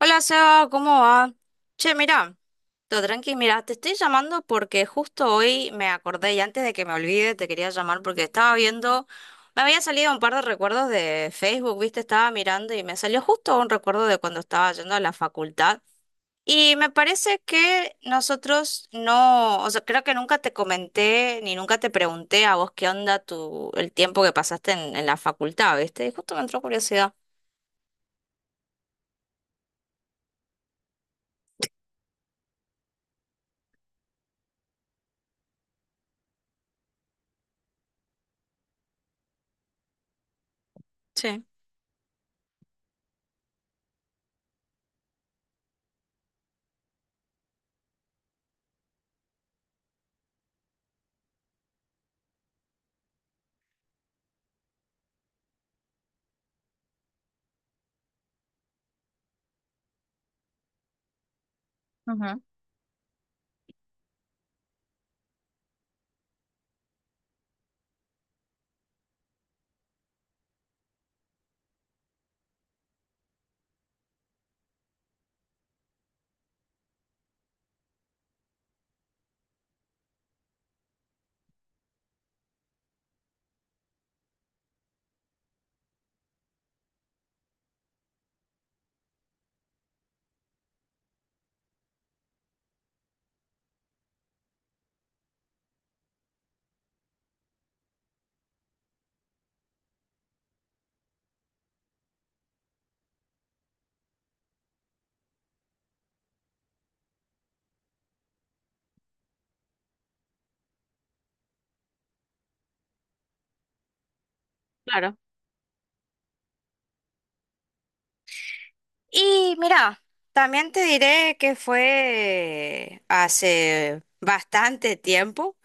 Hola Seba, ¿cómo va? Che, mira, todo tranqui, mira, te estoy llamando porque justo hoy me acordé y antes de que me olvide te quería llamar porque estaba viendo, me había salido un par de recuerdos de Facebook, viste, estaba mirando y me salió justo un recuerdo de cuando estaba yendo a la facultad y me parece que nosotros no, o sea, creo que nunca te comenté ni nunca te pregunté a vos qué onda tu, el tiempo que pasaste en la facultad, viste, y justo me entró curiosidad. Sí. Ujú. Claro. Y mira, también te diré que fue hace bastante tiempo.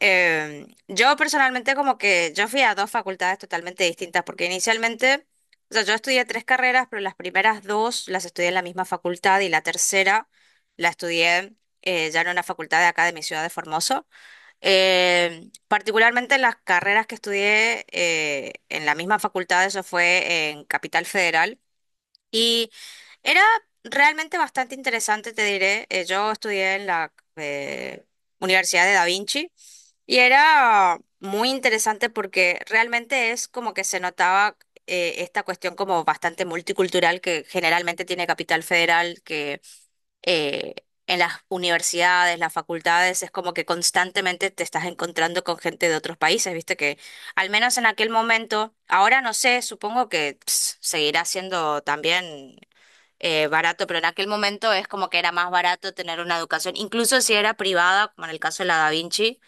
Yo personalmente como que yo fui a dos facultades totalmente distintas, porque inicialmente, o sea, yo estudié tres carreras, pero las primeras dos las estudié en la misma facultad y la tercera la estudié ya en una facultad de acá de mi ciudad de Formoso. Particularmente las carreras que estudié en la misma facultad, eso fue en Capital Federal y era realmente bastante interesante, te diré. Yo estudié en la Universidad de Da Vinci y era muy interesante porque realmente es como que se notaba esta cuestión como bastante multicultural que generalmente tiene Capital Federal, que eh, en las universidades, las facultades, es como que constantemente te estás encontrando con gente de otros países, viste que al menos en aquel momento, ahora no sé, supongo que ps, seguirá siendo también barato, pero en aquel momento es como que era más barato tener una educación, incluso si era privada, como en el caso de la Da Vinci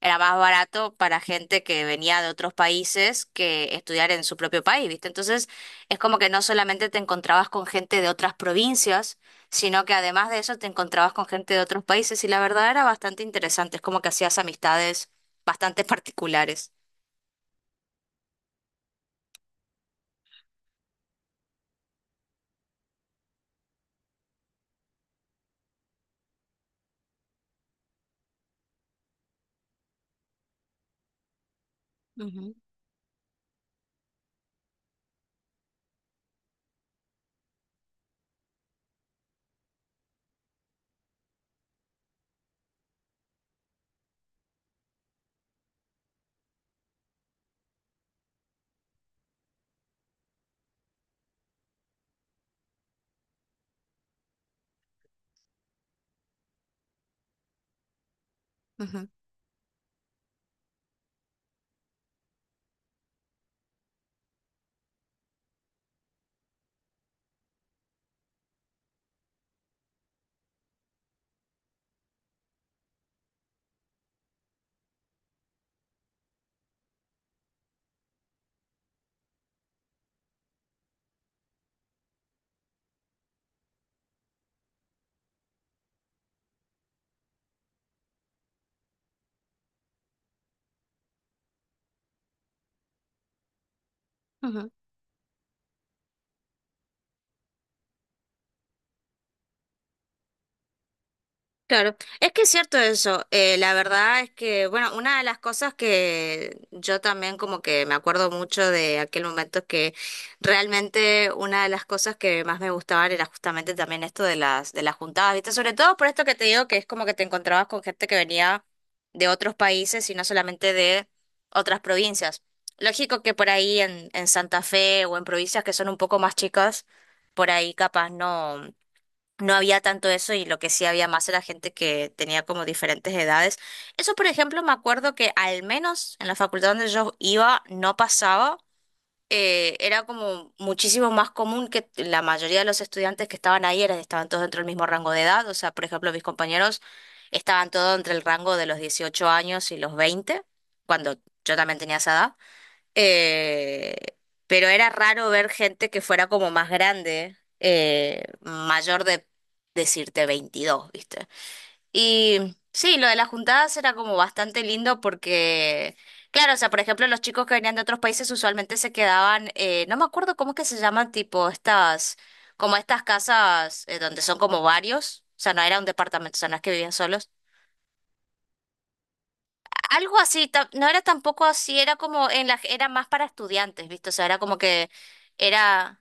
era más barato para gente que venía de otros países que estudiar en su propio país, ¿viste? Entonces, es como que no solamente te encontrabas con gente de otras provincias, sino que además de eso te encontrabas con gente de otros países y la verdad era bastante interesante, es como que hacías amistades bastante particulares. Ujú, ujú, ujú. Claro, es que es cierto eso. La verdad es que, bueno, una de las cosas que yo también como que me acuerdo mucho de aquel momento es que realmente una de las cosas que más me gustaban era justamente también esto de las juntadas, ¿viste? Sobre todo por esto que te digo que es como que te encontrabas con gente que venía de otros países y no solamente de otras provincias. Lógico que por ahí en Santa Fe o en provincias que son un poco más chicas, por ahí capaz no. No había tanto eso y lo que sí había más era gente que tenía como diferentes edades. Eso, por ejemplo, me acuerdo que al menos en la facultad donde yo iba no pasaba. Era como muchísimo más común que la mayoría de los estudiantes que estaban ahí eran, estaban todos dentro del mismo rango de edad. O sea, por ejemplo, mis compañeros estaban todos entre el rango de los 18 años y los 20 cuando yo también tenía esa edad. Eh, pero era raro ver gente que fuera como más grande, mayor de decirte 22, ¿viste? Y sí, lo de las juntadas era como bastante lindo porque, claro, o sea, por ejemplo, los chicos que venían de otros países usualmente se quedaban, no me acuerdo cómo es que se llaman, tipo estas, como estas casas donde son como varios, o sea, no era un departamento, o sea, no es que vivían solos, algo así, no era tampoco así, era como en la, era más para estudiantes, ¿viste? O sea, era como que era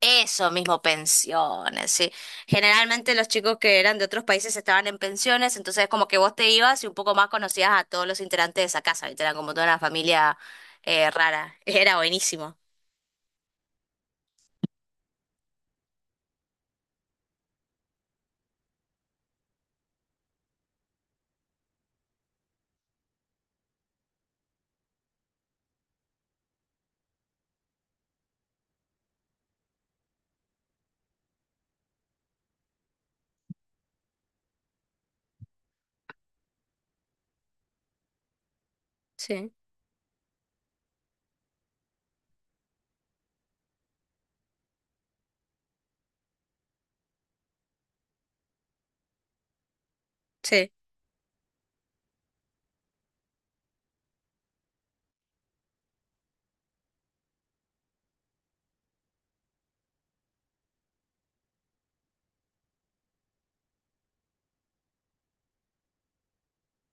eso mismo, pensiones, sí. Generalmente los chicos que eran de otros países estaban en pensiones, entonces como que vos te ibas y un poco más conocías a todos los integrantes de esa casa, ¿viste? Era como toda una familia rara. Era buenísimo. Sí, sí,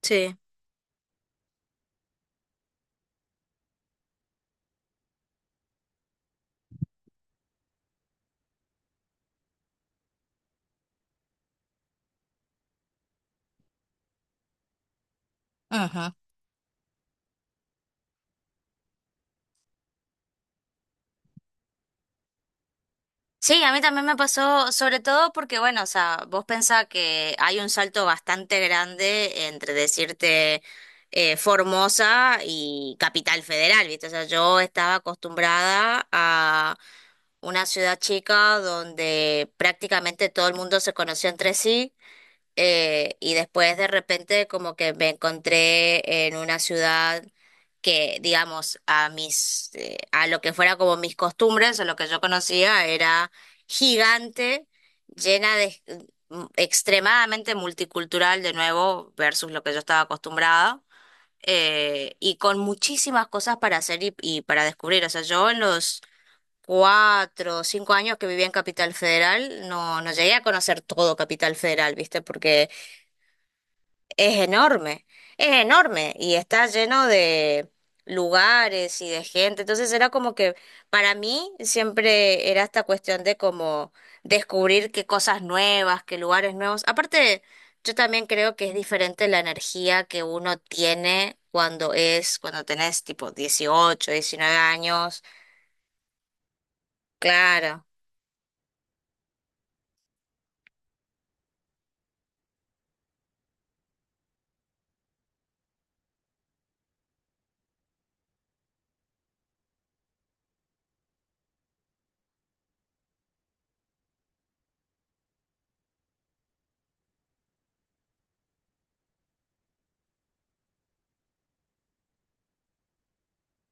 sí. Ujú. Sí, a mí también me pasó, sobre todo porque, bueno, o sea, vos pensás que hay un salto bastante grande entre decirte Formosa y Capital Federal, ¿viste? O sea, yo estaba acostumbrada a una ciudad chica donde prácticamente todo el mundo se conoció entre sí y después de repente como que me encontré en una ciudad que, digamos, a lo que fuera como mis costumbres o lo que yo conocía era gigante, llena de extremadamente multicultural de nuevo versus lo que yo estaba acostumbrada. Y con muchísimas cosas para hacer y para descubrir. O sea, yo en los 4 o 5 años que vivía en Capital Federal, no, no llegué a conocer todo Capital Federal, ¿viste? Porque es enorme, es enorme y está lleno de lugares y de gente. Entonces era como que para mí siempre era esta cuestión de como descubrir qué cosas nuevas, qué lugares nuevos. Aparte, yo también creo que es diferente la energía que uno tiene cuando tenés tipo 18 19 años. Claro.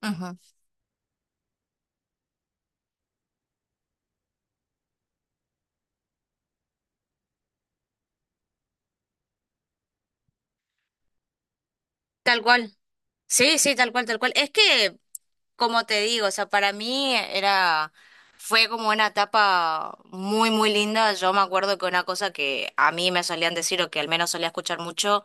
Ujú. Tal cual. Sí, sí, tal cual, tal cual. Es que como te digo, o sea, para mí era, fue como una etapa muy, muy linda. Yo me acuerdo que una cosa que a mí me solían decir, o que al menos solía escuchar mucho,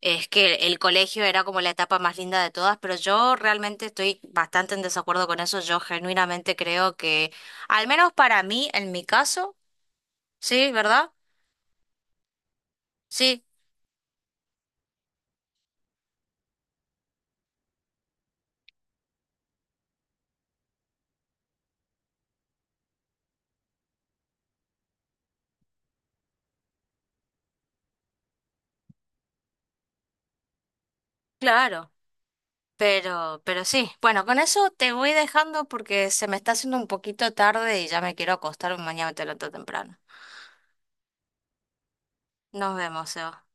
es que el colegio era como la etapa más linda de todas, pero yo realmente estoy bastante en desacuerdo con eso. Yo genuinamente creo que, al menos para mí, en mi caso, sí, ¿verdad? Sí, claro. Pero sí, bueno, con eso te voy dejando porque se me está haciendo un poquito tarde y ya me quiero acostar, mañana me levanto temprano. Nos vemos, Seba.